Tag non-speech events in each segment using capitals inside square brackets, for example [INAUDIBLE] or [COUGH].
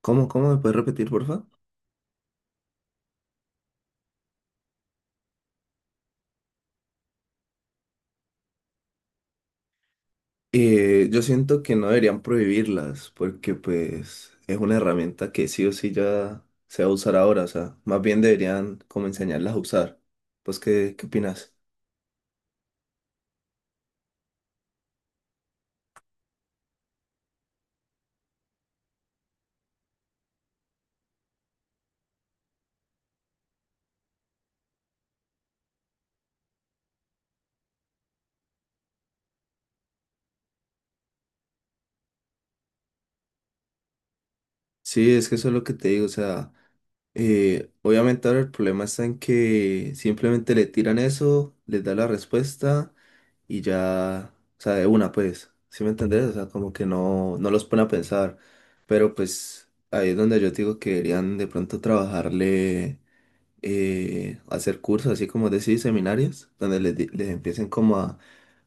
¿Cómo me puedes repetir, porfa? Yo siento que no deberían prohibirlas porque pues es una herramienta que sí o sí ya se va a usar ahora, o sea, más bien deberían como enseñarlas a usar. Pues, ¿qué opinas? Sí, es que eso es lo que te digo, o sea, obviamente ahora el problema está en que simplemente le tiran eso, les da la respuesta y ya, o sea, de una pues, ¿sí me entendés? O sea, como que no los pone a pensar, pero pues ahí es donde yo te digo que deberían de pronto trabajarle, hacer cursos, así como decir, seminarios, les empiecen como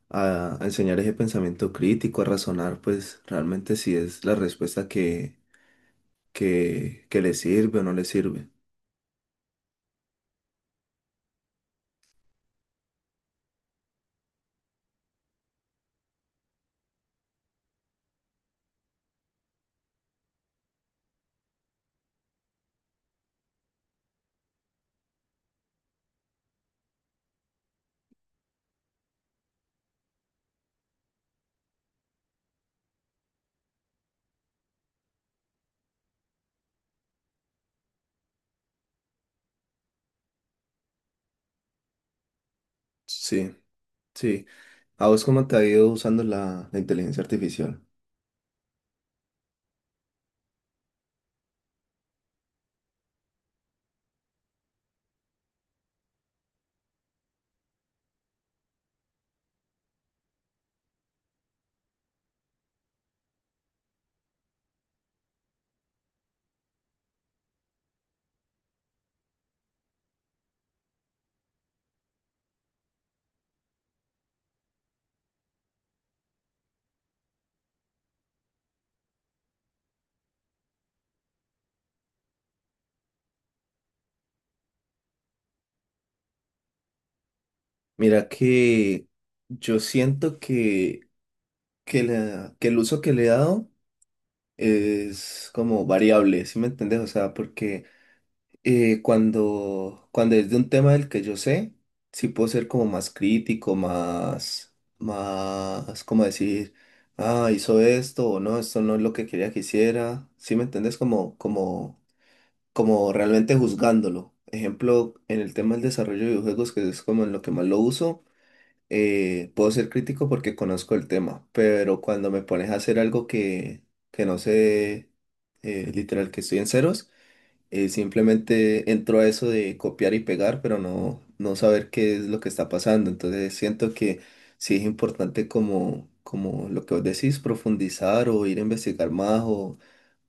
a enseñar ese pensamiento crítico, a razonar pues realmente si es la respuesta que le sirve o no le sirve. Sí, sí. ¿A vos cómo te ha ido usando la inteligencia artificial? Mira que yo siento que el uso que le he dado es como variable, ¿sí me entendés? O sea, porque cuando es de un tema del que yo sé, sí puedo ser como más crítico, más, ¿cómo decir? Ah, hizo esto o no, esto no es lo que quería que hiciera. ¿Sí me entendés? Como realmente juzgándolo. Ejemplo, en el tema del desarrollo de videojuegos, que es como en lo que más lo uso, puedo ser crítico porque conozco el tema, pero cuando me pones a hacer algo que no sé, literal, que estoy en ceros, simplemente entro a eso de copiar y pegar, pero no saber qué es lo que está pasando. Entonces siento que sí es importante como, como lo que vos decís, profundizar o ir a investigar más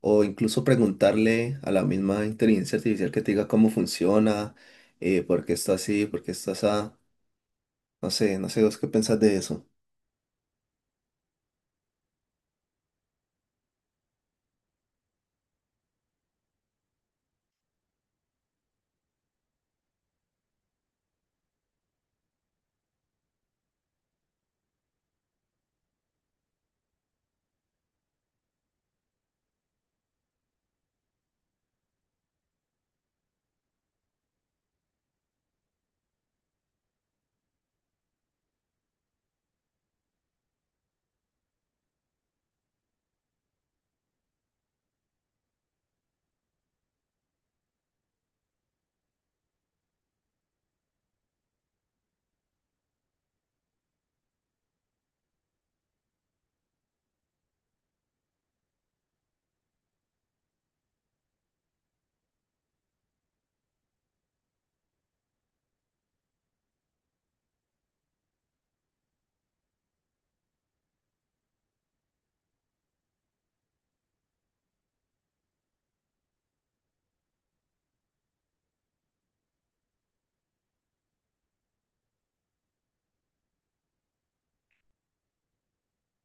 o incluso preguntarle a la misma inteligencia artificial que te diga cómo funciona, por qué está así, por qué está así. No sé, no sé vos qué pensás de eso.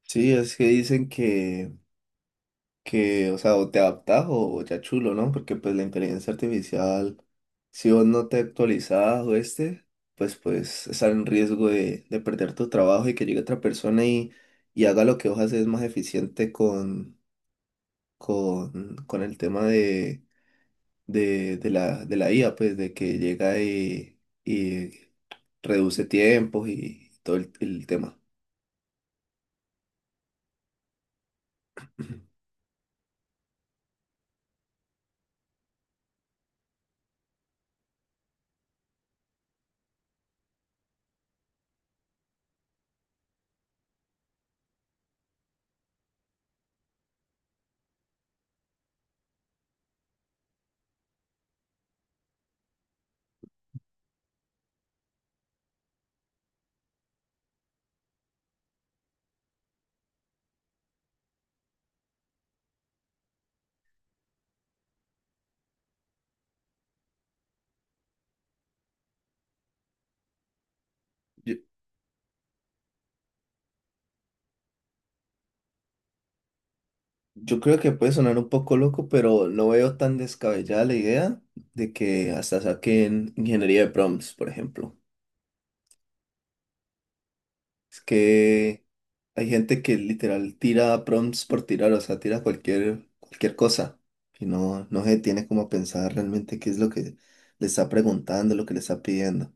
Sí, es que dicen o sea, o te adaptás o ya chulo, ¿no? Porque pues la inteligencia artificial, si vos no te actualizás o este, pues estar en riesgo de perder tu trabajo y que llegue otra persona y haga lo que vos haces más eficiente con el tema de la IA, pues de que llega y reduce tiempos y todo el tema. [CLEARS THROAT] Yo creo que puede sonar un poco loco, pero no veo tan descabellada la idea de que hasta saquen ingeniería de prompts, por ejemplo. Es que hay gente que literal tira prompts por tirar, o sea, tira cualquier cosa y no se tiene como a pensar realmente qué es lo que le está preguntando, lo que le está pidiendo.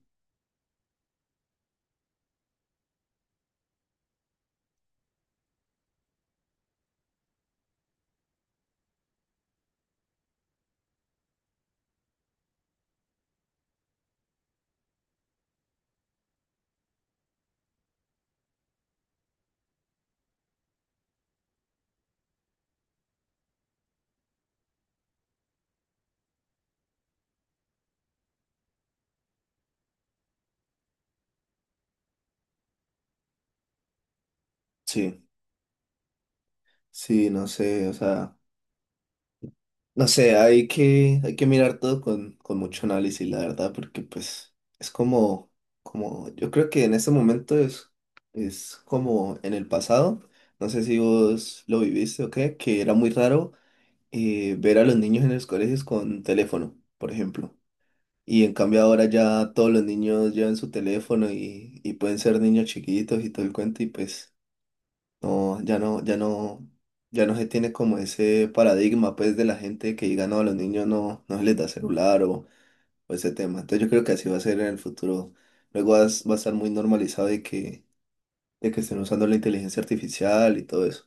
Sí, sí, no sé, o sea. No sé, hay que mirar todo con mucho análisis, la verdad, porque pues es como, yo creo que en este momento es como en el pasado, no sé si vos lo viviste o qué, que era muy raro ver a los niños en los colegios con teléfono, por ejemplo. Y en cambio ahora ya todos los niños llevan su teléfono y pueden ser niños chiquitos y todo el cuento y pues... No, ya no se tiene como ese paradigma pues de la gente que diga no, a los niños no se les da celular o ese tema. Entonces yo creo que así va a ser en el futuro. Va a estar muy normalizado de que estén usando la inteligencia artificial y todo eso.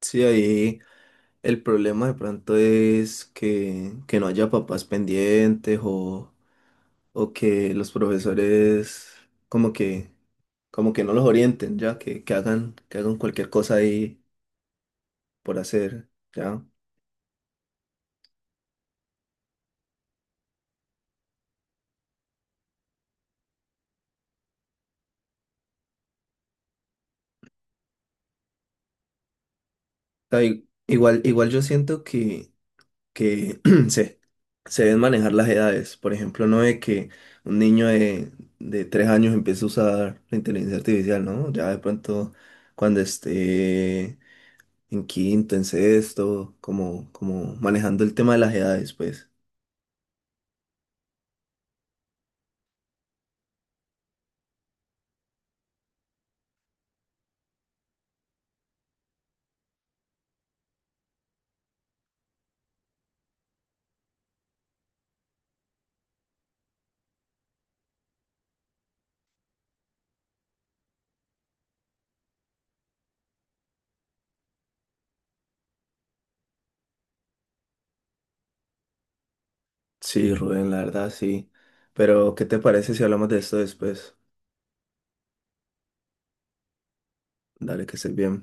Sí, ahí el problema de pronto es que no haya papás pendientes o que los profesores como que, como que no los orienten, ya que hagan cualquier cosa ahí por hacer. ¿Ya? Sea, igual yo siento que [CLEARS THROAT] se, se deben manejar las edades. Por ejemplo, no de que un niño de 3 años empiece a usar la inteligencia artificial, ¿no? Ya de pronto cuando esté en quinto, en sexto, como manejando el tema de las edades, pues. Sí, Rubén, la verdad, sí. Pero, ¿qué te parece si hablamos de esto después? Dale, que estés bien.